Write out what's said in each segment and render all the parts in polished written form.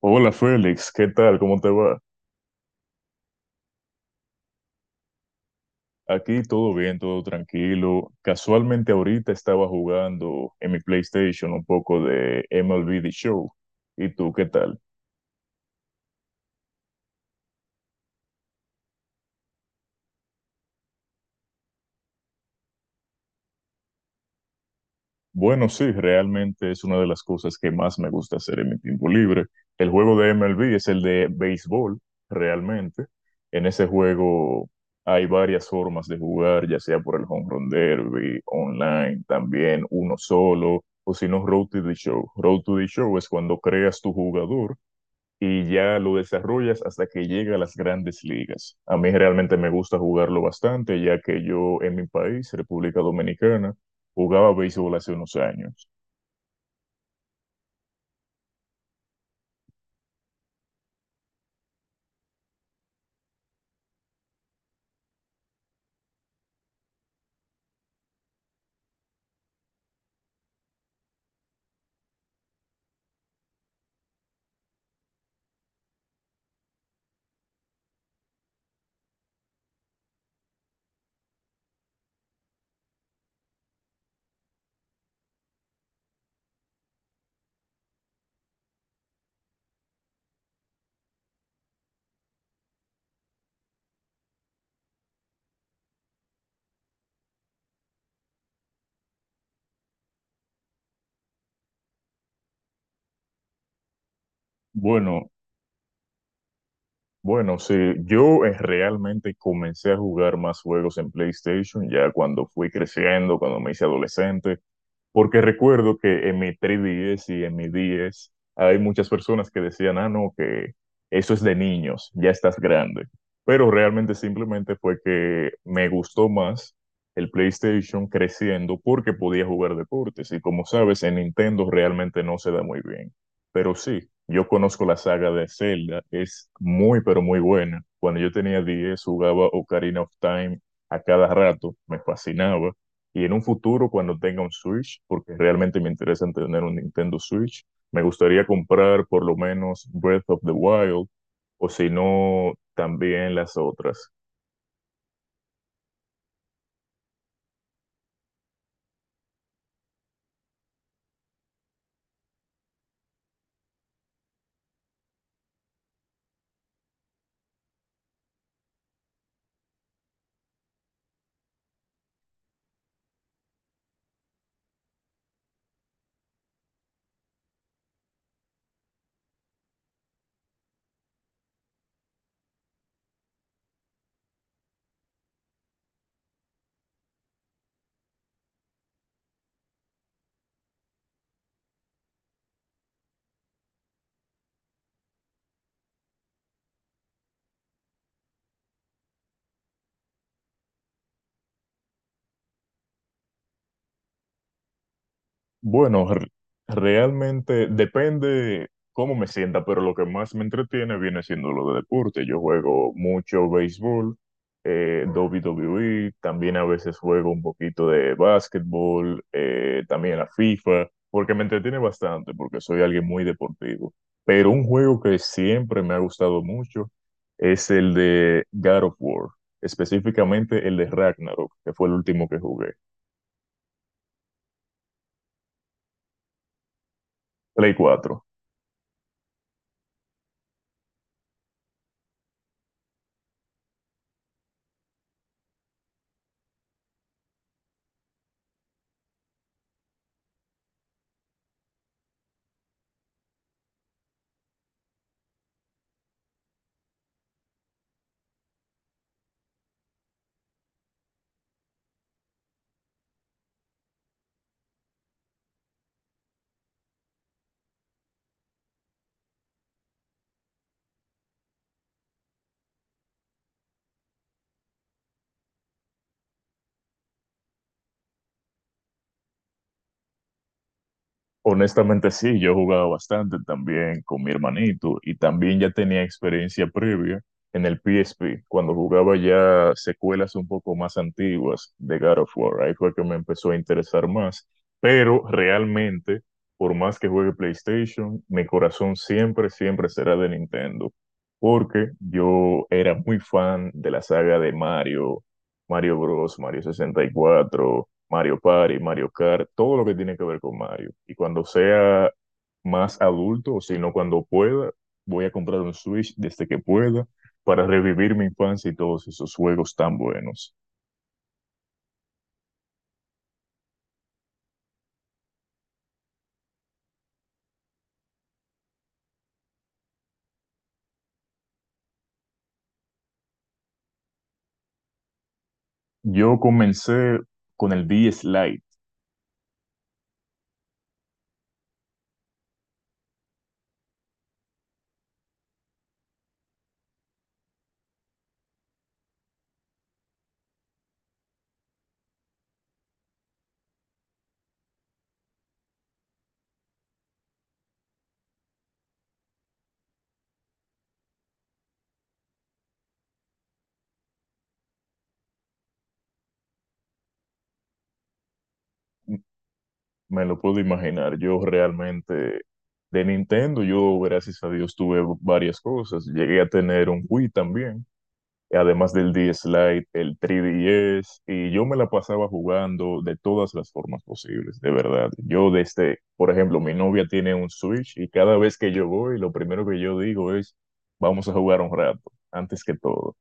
Hola Félix, ¿qué tal? ¿Cómo te va? Aquí todo bien, todo tranquilo. Casualmente ahorita estaba jugando en mi PlayStation un poco de MLB The Show. ¿Y tú qué tal? Bueno, sí, realmente es una de las cosas que más me gusta hacer en mi tiempo libre. El juego de MLB es el de béisbol, realmente. En ese juego hay varias formas de jugar, ya sea por el home run derby, online, también uno solo, o si no, Road to the Show. Road to the Show es cuando creas tu jugador y ya lo desarrollas hasta que llega a las grandes ligas. A mí realmente me gusta jugarlo bastante, ya que yo en mi país, República Dominicana, jugaba béisbol hace unos años. Bueno, bueno, sí, yo realmente comencé a jugar más juegos en PlayStation ya cuando fui creciendo, cuando me hice adolescente, porque recuerdo que en mi 3DS y en mi 10 hay muchas personas que decían, ah, no, que eso es de niños, ya estás grande. Pero realmente simplemente fue que me gustó más el PlayStation creciendo porque podía jugar deportes. Y como sabes, en Nintendo realmente no se da muy bien. Pero sí, yo conozco la saga de Zelda, es muy, pero muy buena. Cuando yo tenía 10 jugaba Ocarina of Time a cada rato, me fascinaba. Y en un futuro, cuando tenga un Switch, porque realmente me interesa en tener un Nintendo Switch, me gustaría comprar por lo menos Breath of the Wild, o si no, también las otras. Bueno, realmente depende cómo me sienta, pero lo que más me entretiene viene siendo lo de deporte. Yo juego mucho béisbol, WWE, también a veces juego un poquito de básquetbol, también la FIFA, porque me entretiene bastante, porque soy alguien muy deportivo. Pero un juego que siempre me ha gustado mucho es el de God of War, específicamente el de Ragnarok, que fue el último que jugué, Play 4. Honestamente sí, yo he jugado bastante también con mi hermanito y también ya tenía experiencia previa en el PSP, cuando jugaba ya secuelas un poco más antiguas de God of War, ahí fue que me empezó a interesar más, pero realmente, por más que juegue PlayStation, mi corazón siempre, siempre será de Nintendo, porque yo era muy fan de la saga de Mario, Mario Bros, Mario 64. Mario Party, Mario Kart, todo lo que tiene que ver con Mario. Y cuando sea más adulto, o sino cuando pueda, voy a comprar un Switch desde que pueda para revivir mi infancia y todos esos juegos tan buenos. Yo comencé con el DS Lite. Me lo puedo imaginar. Yo realmente de Nintendo, yo gracias a Dios tuve varias cosas. Llegué a tener un Wii también, además del DS Lite, el 3DS, y yo me la pasaba jugando de todas las formas posibles, de verdad. Yo desde, por ejemplo, mi novia tiene un Switch y cada vez que yo voy, lo primero que yo digo es, vamos a jugar un rato, antes que todo.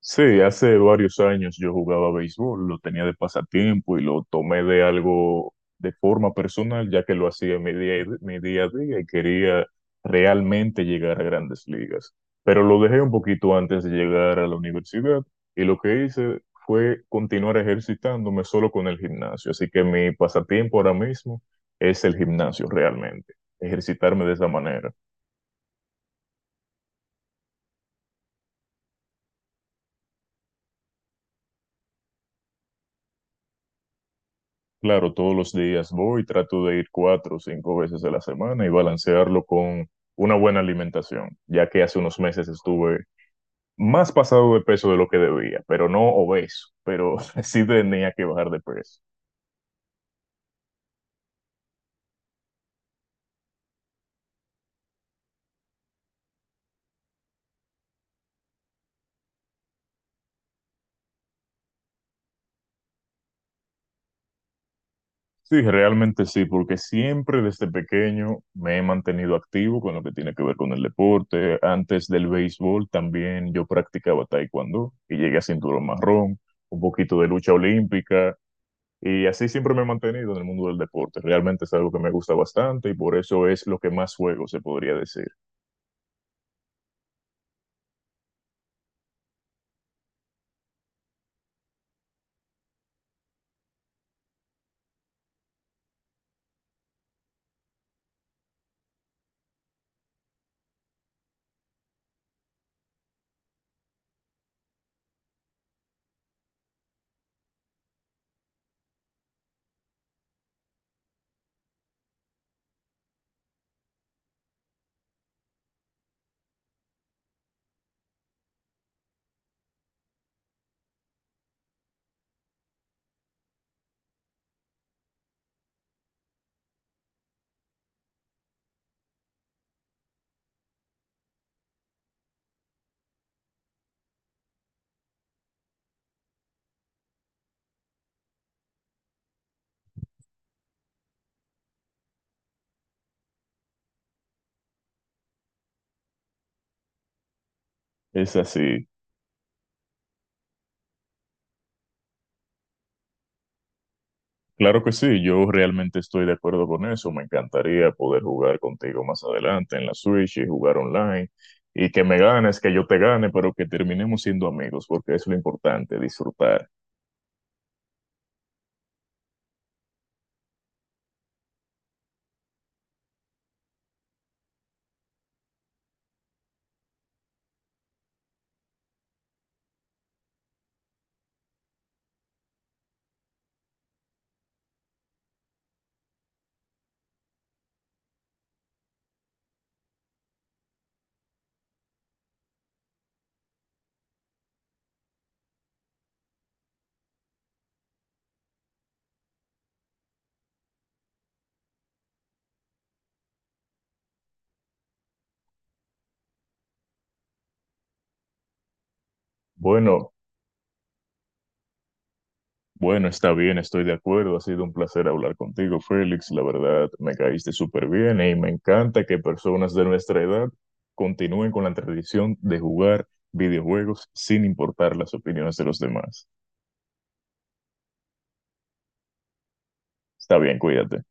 Sí, hace varios años yo jugaba béisbol, lo tenía de pasatiempo y lo tomé de algo de forma personal, ya que lo hacía en mi día a día y quería realmente llegar a grandes ligas. Pero lo dejé un poquito antes de llegar a la universidad y lo que hice fue continuar ejercitándome solo con el gimnasio. Así que mi pasatiempo ahora mismo es el gimnasio realmente, ejercitarme de esa manera. Claro, todos los días voy, trato de ir cuatro o cinco veces a la semana y balancearlo con una buena alimentación, ya que hace unos meses estuve más pasado de peso de lo que debía, pero no obeso, pero sí tenía que bajar de peso. Sí, realmente sí, porque siempre desde pequeño me he mantenido activo con lo que tiene que ver con el deporte. Antes del béisbol también yo practicaba taekwondo y llegué a cinturón marrón, un poquito de lucha olímpica. Y así siempre me he mantenido en el mundo del deporte. Realmente es algo que me gusta bastante y por eso es lo que más juego, se podría decir. Es así. Claro que sí, yo realmente estoy de acuerdo con eso. Me encantaría poder jugar contigo más adelante en la Switch y jugar online. Y que me ganes, que yo te gane, pero que terminemos siendo amigos, porque es lo importante, disfrutar. Bueno, bueno, está bien, estoy de acuerdo. Ha sido un placer hablar contigo, Félix. La verdad, me caíste súper bien y me encanta que personas de nuestra edad continúen con la tradición de jugar videojuegos sin importar las opiniones de los demás. Está bien, cuídate.